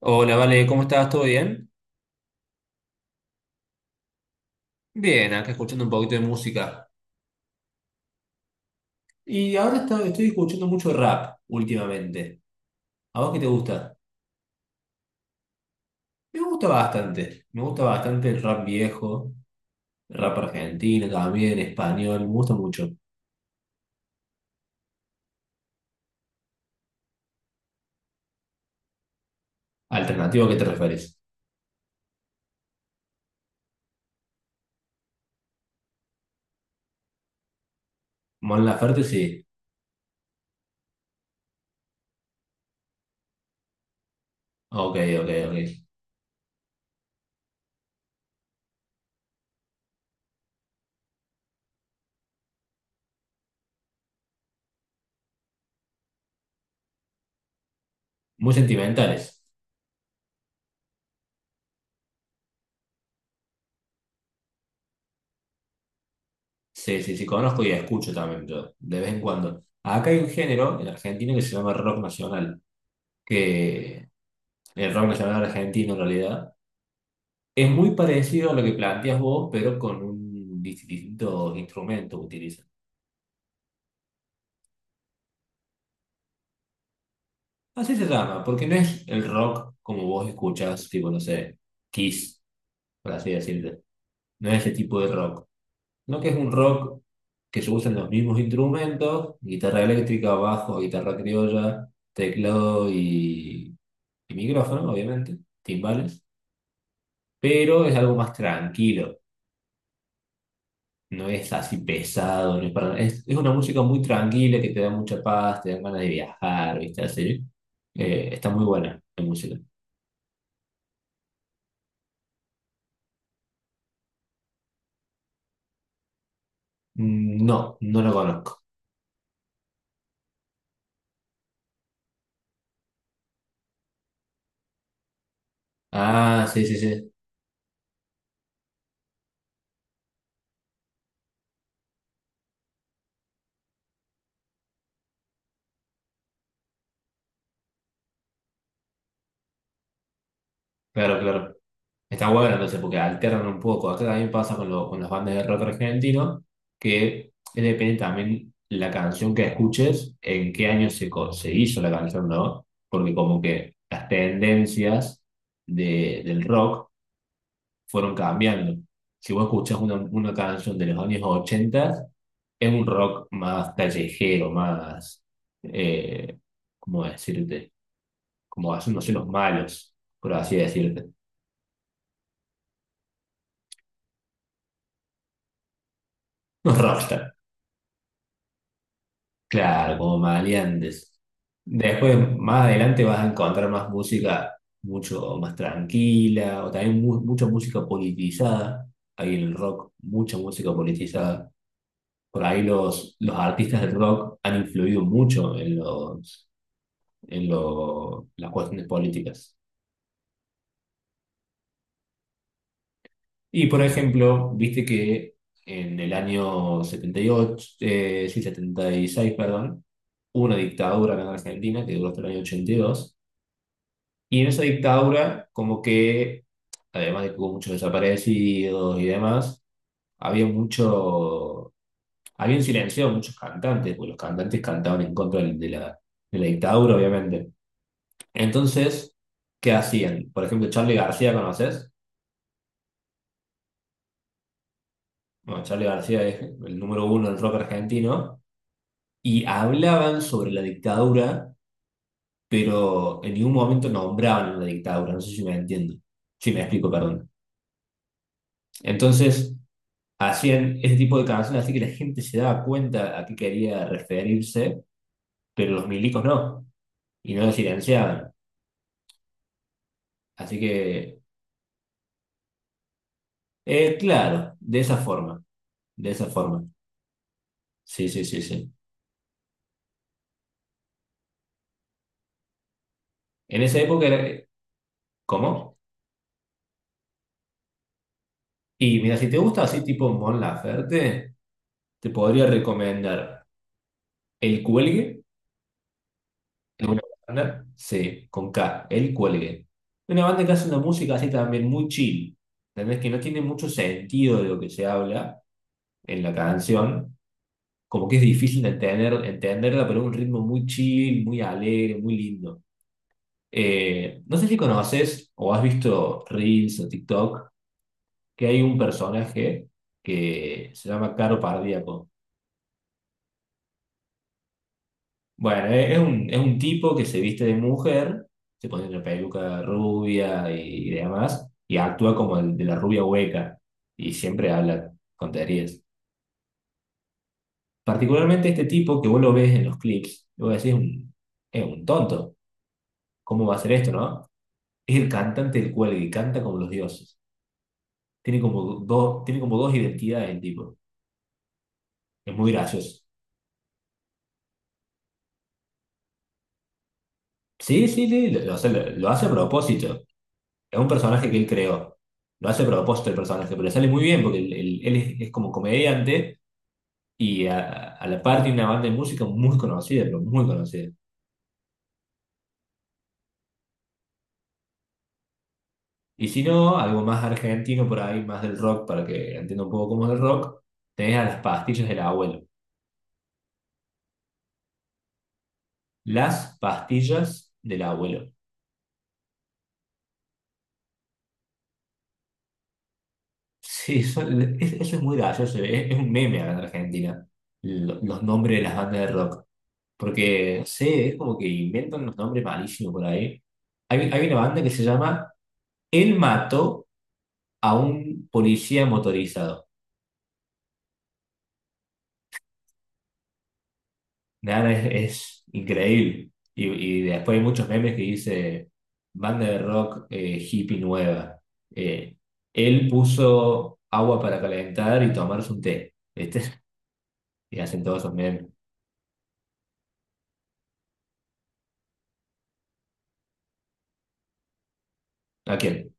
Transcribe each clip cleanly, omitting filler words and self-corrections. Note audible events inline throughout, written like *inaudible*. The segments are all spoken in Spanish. Hola, Vale, ¿cómo estás? ¿Todo bien? Bien, acá escuchando un poquito de música. Y ahora estoy escuchando mucho rap últimamente. ¿A vos qué te gusta? Me gusta bastante. Me gusta bastante el rap viejo, rap argentino también, español, me gusta mucho. ¿Alternativo a qué te refieres? Mon Laferte, sí. Ok, ok, ok. Muy sentimentales. Sí, sí, sí, conozco y escucho también yo, de vez en cuando. Acá hay un género en Argentina que se llama rock nacional, que el rock nacional argentino en realidad es muy parecido a lo que planteas vos, pero con distintos instrumentos que utilizan. Así se llama, porque no es el rock como vos escuchás, tipo, no sé, Kiss, por así decirlo. No es ese tipo de rock. No, que es un rock que se usan los mismos instrumentos, guitarra eléctrica, bajo, guitarra criolla, teclado y micrófono, obviamente, timbales, pero es algo más tranquilo. No es así pesado, no es para... Es, es una música muy tranquila que te da mucha paz, te da ganas de viajar, ¿viste? Así. Está muy buena la música. Mm, no, no la conozco. Ah, sí, sí, sí. Claro, claro. Está buena entonces porque alternan un poco. Acá también pasa con, con las bandas de rock argentino, que depende también la canción que escuches, en qué año se, se hizo la canción, ¿no? Porque como que las tendencias de, del rock fueron cambiando. Si vos escuchás una canción de los años 80, es un rock más callejero, más, eh, ¿cómo decirte? Como hacen, no sé, los malos, por así decirte. *laughs* Los rockstar, claro, como maleantes. Después, más adelante vas a encontrar más música mucho más tranquila, o también mucha música politizada. Hay en el rock mucha música politizada. Por ahí los artistas del rock han influido mucho en los, en las cuestiones políticas. Y por ejemplo, viste que en el año 78, sí, setenta y seis, perdón, hubo una dictadura acá en Argentina que duró hasta el año 82. Y dos. Y en esa dictadura, como que, además de que hubo muchos desaparecidos y demás, había mucho, habían silenciado a muchos cantantes, porque los cantantes cantaban en contra de la dictadura, obviamente. Entonces, ¿qué hacían? Por ejemplo, Charly García, ¿conoces? Bueno, Charly García es el número uno del rock argentino y hablaban sobre la dictadura, pero en ningún momento nombraban la dictadura, no sé si me entiendo, si me explico, perdón. Entonces, hacían ese tipo de canciones así que la gente se daba cuenta a qué quería referirse, pero los milicos no, y no lo silenciaban. Así que, claro, de esa forma, de esa forma. Sí, sí, sí, sí. En esa época era, ¿cómo? Y mira, si te gusta así tipo Mon Laferte, te podría recomendar El Cuelgue, es una banda, sí, con K, El Cuelgue. Una banda que hace una música así también muy chill, ¿entendés? Que no tiene mucho sentido de lo que se habla en la canción, como que es difícil de entender, entenderla, pero es un ritmo muy chill, muy alegre, muy lindo. No sé si conoces o has visto Reels o TikTok, que hay un personaje que se llama Caro Pardíaco. Bueno, es un tipo que se viste de mujer, se pone una peluca rubia y demás, y actúa como el de la rubia hueca, y siempre habla tonterías. Particularmente este tipo que vos lo ves en los clips, y vos decís, un, es un tonto, ¿cómo va a hacer esto, no? Es el cantante del cual y canta como los dioses. Tiene como dos identidades el tipo, es muy gracioso. Sí, sí, sí, lo hace lo hace a propósito. Es un personaje que él creó. Lo hace a propósito el personaje, pero le sale muy bien porque él, él es como comediante y a la par tiene una banda de música muy conocida, pero muy conocida. Y si no, algo más argentino por ahí, más del rock, para que entienda un poco cómo es el rock, tenés a Las Pastillas del Abuelo. Las Pastillas del Abuelo. Sí, eso es muy gracioso, es un meme acá en Argentina, los nombres de las bandas de rock. Porque, no sé, es como que inventan unos nombres malísimos por ahí. Hay una banda que se llama Él Mató a un Policía Motorizado. Nada, es increíble. Y después hay muchos memes que dice banda de rock hippie nueva. Eh, él puso agua para calentar y tomarse un té. ¿Viste? *laughs* Y hacen todos esos memes. ¿A quién?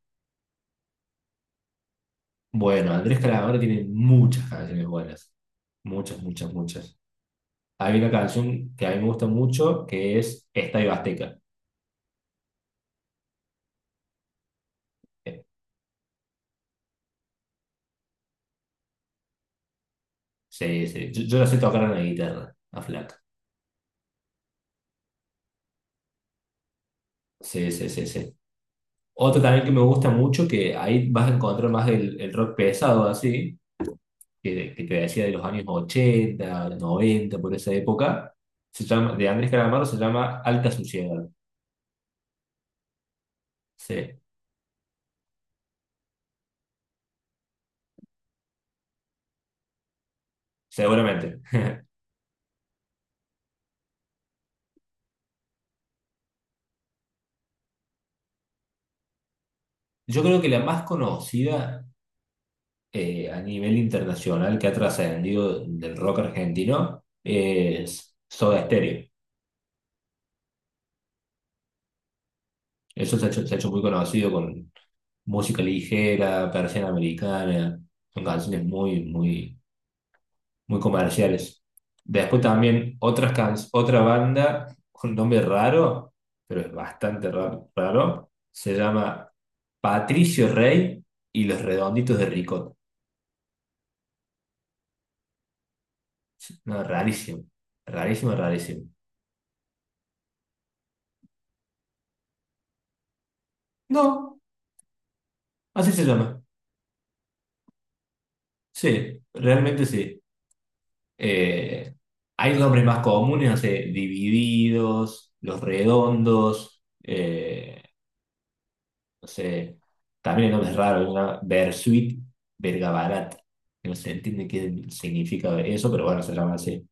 Bueno, Andrés Calamaro tiene muchas canciones buenas. Muchas, muchas, muchas. Hay una canción que a mí me gusta mucho que es Estadio Azteca. Eh, Sí, sí. Yo la sé tocar en la guitarra, a Flaca. Sí, sí, sí, sí. Otro también que me gusta mucho, que ahí vas a encontrar más el rock pesado así, que te decía de los años 80, 90 por esa época, se llama, de Andrés Calamaro, se llama Alta Suciedad. Sí, seguramente. Yo creo que la más conocida a nivel internacional que ha trascendido del rock argentino es Soda Stereo. Eso se ha hecho muy conocido con Música Ligera, Persiana Americana, son canciones muy, muy, muy comerciales. Después también otra banda con nombre raro, pero es bastante raro, raro, se llama Patricio Rey y los Redonditos de Ricot. No, rarísimo, rarísimo, rarísimo. No, así se llama. Sí, realmente sí. Eh, hay nombres más comunes, no sé, Divididos, Los Redondos, no sé, también hay nombres raros, una Bersuit, Bergabarat, no se entiende qué significa eso, pero bueno, se llama así.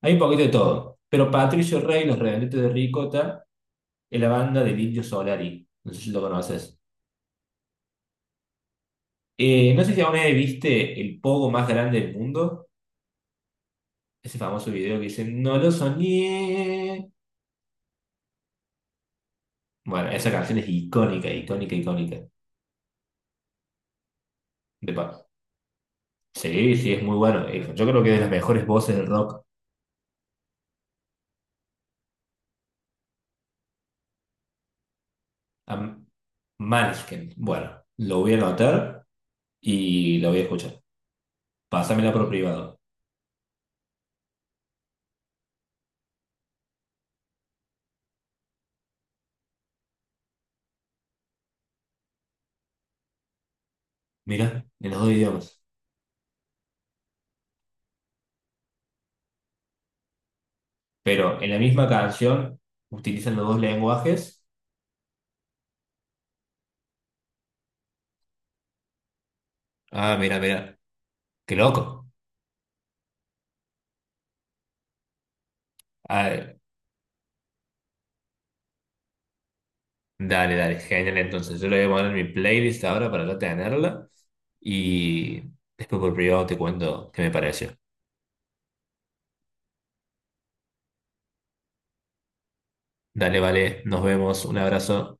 Hay un poquito de todo, pero Patricio Rey, Los Redonditos de Ricota, es la banda del Indio Solari, no sé si lo conoces. No sé si alguna vez viste el pogo más grande del mundo, ese famoso video que dice, no lo soñé. Bueno, esa canción es icónica, icónica, icónica. De pa- Sí, sí, es muy bueno. Yo creo que es de las mejores voces del rock. Am- Måneskin. Bueno, lo voy a anotar y lo voy a escuchar. Pásamela por privado. Mira, en los dos idiomas. Pero en la misma canción utilizan los dos lenguajes. Ah, mira, mira. Qué loco. Ah, dale, dale, genial. Entonces, yo lo voy a poner en mi playlist ahora para ya tenerla y después por privado te cuento qué me pareció. Dale, vale, nos vemos, un abrazo.